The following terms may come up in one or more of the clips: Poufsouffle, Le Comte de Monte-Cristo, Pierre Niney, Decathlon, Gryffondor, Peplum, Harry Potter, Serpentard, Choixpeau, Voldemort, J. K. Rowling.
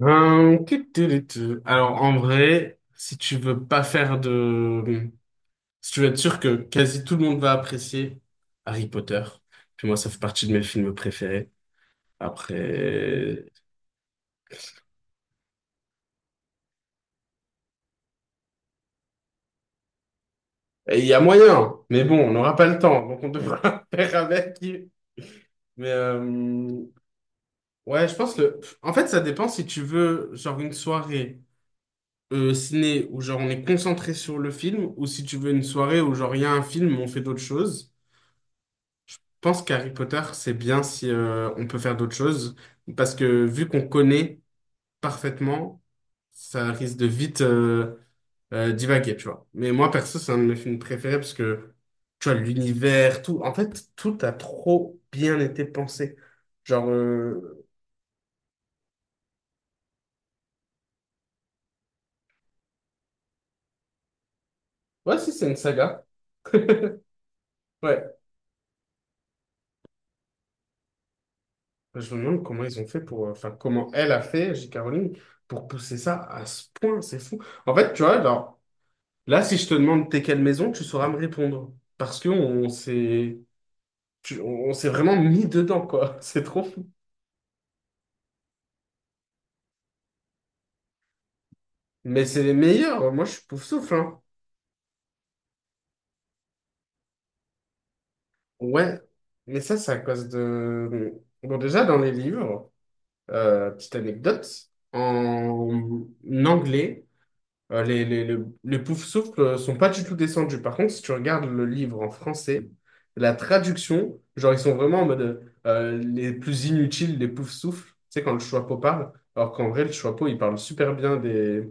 Qui te dit tu. Alors, en vrai, si tu veux pas faire de... Si tu veux être sûr que quasi tout le monde va apprécier Harry Potter, puis moi, ça fait partie de mes films préférés. Après, et il y a moyen, mais bon, on n'aura pas le temps, donc on devra faire avec. Mais ouais, je pense que... En fait, ça dépend si tu veux, genre, une soirée ciné où, genre, on est concentré sur le film, ou si tu veux une soirée où, genre, il y a un film, mais on fait d'autres choses. Pense qu'Harry Potter, c'est bien si on peut faire d'autres choses, parce que vu qu'on connaît parfaitement, ça risque de vite divaguer, tu vois. Mais moi, perso, c'est un de mes films préférés, parce que, tu vois, l'univers, tout, en fait, tout a trop bien été pensé. Genre, euh, ouais, si, c'est une saga. Ouais. Je me demande comment ils ont fait pour, enfin, comment elle a fait, J. Caroline, pour pousser ça à ce point, c'est fou. En fait, tu vois, genre, là, si je te demande t'es quelle maison, tu sauras me répondre. Parce que on s'est, on s'est vraiment mis dedans, quoi. C'est trop fou. Mais c'est les meilleurs. Moi, je suis pouf-souffle, hein. Ouais. Mais ça, c'est à cause de... Bon, déjà, dans les livres, petite anecdote, en anglais, Euh, les, les, les, les Poufsouffles sont pas du tout descendus. Par contre, si tu regardes le livre en français, la traduction, genre, ils sont vraiment en mode les plus inutiles, les Poufsouffles. Tu sais, quand le Choixpeau parle, alors qu'en vrai, le Choixpeau, il parle super bien des,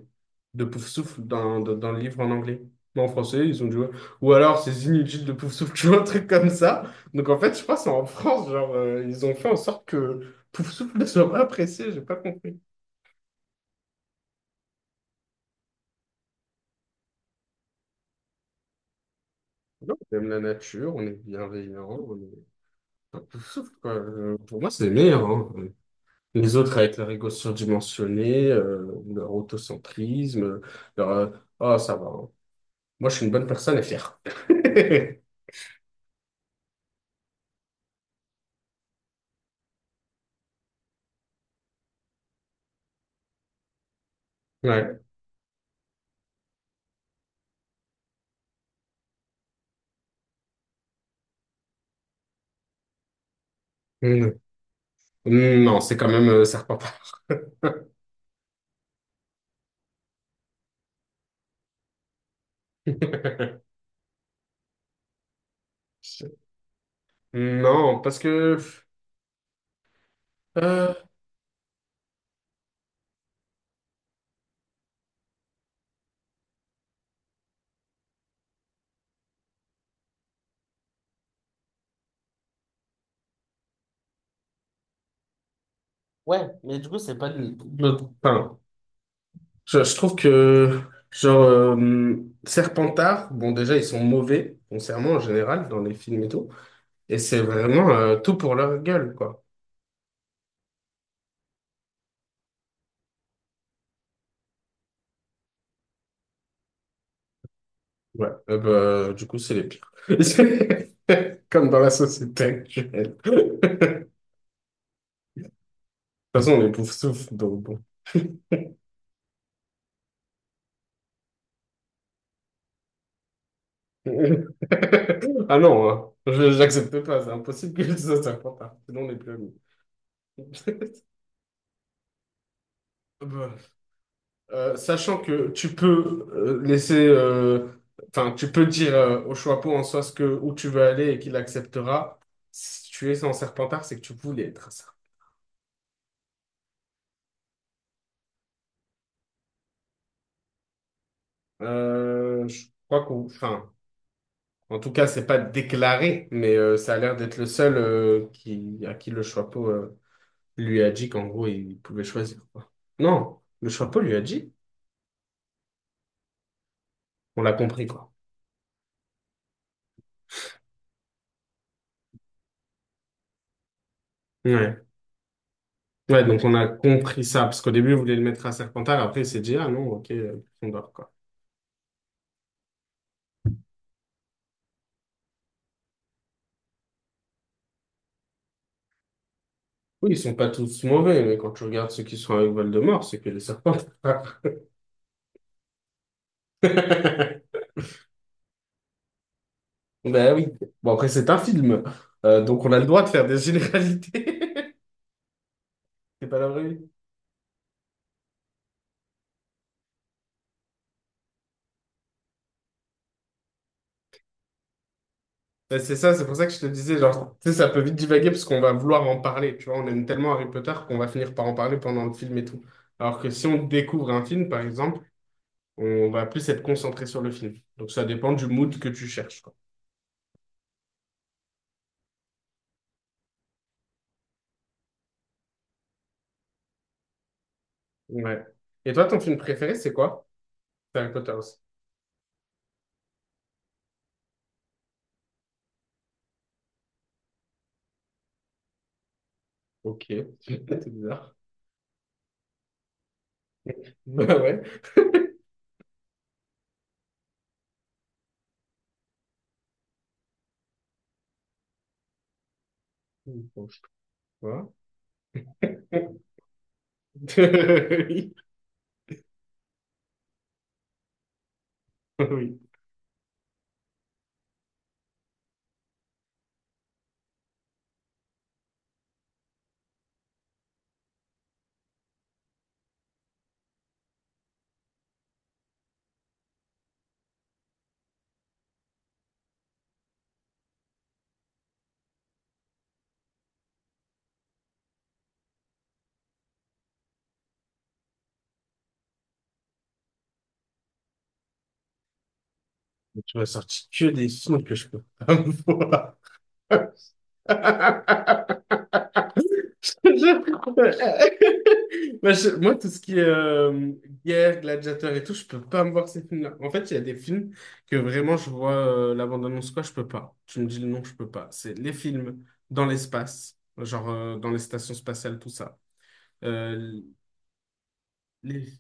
de Poufsouffles dans le livre en anglais. Mais en français, ils ont dit, ouais. Ou alors, ces inutiles de Poufsouffles, tu vois, un truc comme ça. Donc, en fait, je pense en France, genre, ils ont fait en sorte que Poufsouffle ne soit pas apprécié. J'ai pas compris. Non, on aime la nature, on est bienveillant, on est... Sauf que, pour moi, c'est les meilleurs, hein. Les autres, avec leur ego surdimensionné, leur autocentrisme, leur Oh, ça va, hein. Moi, je suis une bonne personne à faire. Ouais. Mm. Mm, non, c'est quand même Serpentard. Non, parce que... euh, ouais, mais du coup, c'est pas... Enfin, je trouve que... Genre, euh, Serpentard, bon, déjà, ils sont mauvais, foncièrement, en général, dans les films et tout. Et c'est vraiment tout pour leur gueule, quoi. Ouais. Du coup, c'est les pires. Comme dans la société actuelle. De toute façon, on les pauvres souffle donc bon. Ah non, hein. J'accepte pas, c'est impossible que ça soit pas tard, sinon on n'est plus amis. Bah, sachant que tu peux enfin, tu peux dire au chapeau en soi ce que, où tu veux aller et qu'il acceptera, si tu es en Serpentard, c'est que tu voulais être ça. Je crois enfin, en tout cas, c'est pas déclaré, mais ça a l'air d'être le seul à qui le chapeau lui a dit qu'en gros, il pouvait choisir, quoi. Non, le chapeau lui a dit. On l'a compris, quoi. Ouais. Ouais, donc on a compris ça, parce qu'au début, il voulait le mettre à Serpentard, après, il s'est dit, ah non, ok, Gryffondor, quoi. Oui, ils sont pas tous mauvais, mais quand tu regardes ceux qui sont avec Voldemort, c'est que les Serpentards. Ben oui. Bon, après, c'est un film. Donc on a le droit de faire des généralités. C'est pas la vraie vie. Ben, c'est ça, c'est pour ça que je te disais, genre, tu sais, ça peut vite divaguer parce qu'on va vouloir en parler, tu vois, on aime tellement Harry Potter qu'on va finir par en parler pendant le film et tout. Alors que si on découvre un film, par exemple, on va plus être concentré sur le film. Donc ça dépend du mood que tu cherches, quoi. Ouais. Et toi, ton film préféré, c'est quoi? C'est Harry Potter aussi. Ok, c'est bizarre. Bah ouais. Bon, je sais pas. Oui. Oui. Tu m'as sorti que des films que je peux pas voir. Moi, moi, tout ce qui est guerre, gladiateur et tout, je peux pas me voir ces films-là. En fait, il y a des films que vraiment je vois la bande-annonce, quoi, je peux pas. Tu me dis le nom, je peux pas. C'est les films dans l'espace, dans les stations spatiales, tout ça. Euh, les-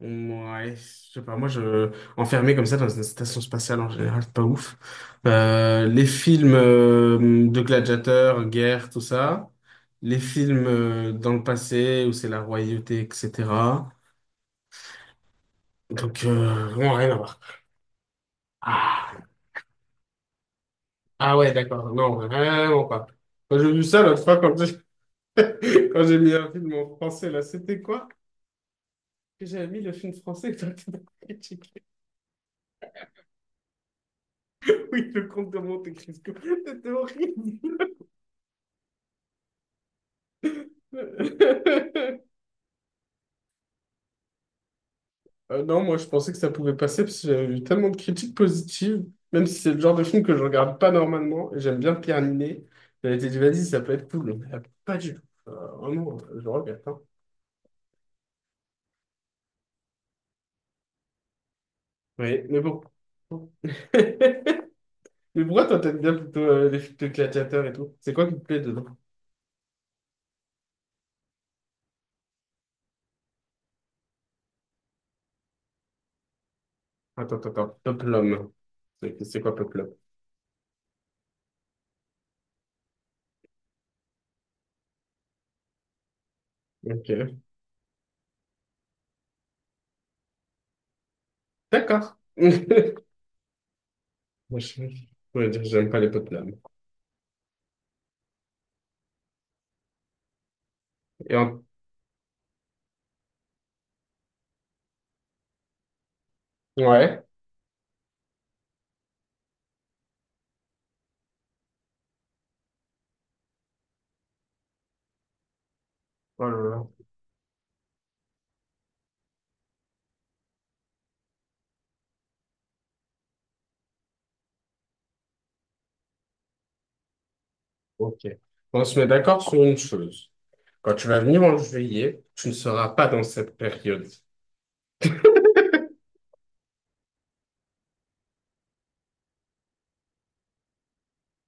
Ouais, je sais pas, moi je enfermé comme ça dans une station spatiale en général, c'est pas ouf. Les films de gladiateurs, guerre, tout ça. Les films dans le passé où c'est la royauté, etc. Donc vraiment rien à voir. Ah, ah ouais, d'accord, non, vraiment pas. Quand j'ai vu ça l'autre fois, quand j'ai quand j'ai mis un film en français, là, c'était quoi? Que j'avais mis le film français que t'as critiqué. Oui, le comte de Monte-Cristo. C'était horrible. Non, moi je pensais que ça pouvait passer parce que j'avais eu tellement de critiques positives, même si c'est le genre de film que je regarde pas normalement, et j'aime bien Pierre Ninet. J'avais été dit, vas-y, ça peut être cool, mais pas du tout. Vraiment, je le regrette, hein. Oui, mais bon. Mais pourquoi toi t'aimes bien plutôt les films de gladiateurs et tout? C'est quoi qui te plaît dedans? Attends, attends, attends. Peplum. C'est quoi Peplum? Ok. D'accord. Moi je pourrais dire que j'aime pas les Peplum. Et en- Ouais. Oh là là. Ok. On se met d'accord sur une chose. Quand tu vas venir en juillet, tu ne seras pas dans cette période.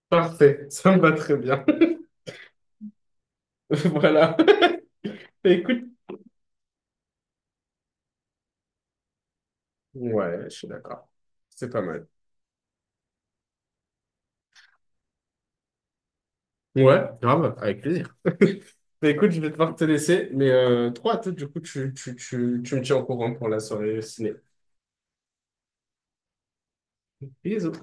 Parfait, ça me va très bien. Voilà. Écoute. Ouais, je suis d'accord. C'est pas mal. Ouais, grave, avec plaisir. Bah, écoute, je vais devoir te laisser, mais trop à toi, du coup, tu me tiens au courant pour la soirée ciné. Bisous.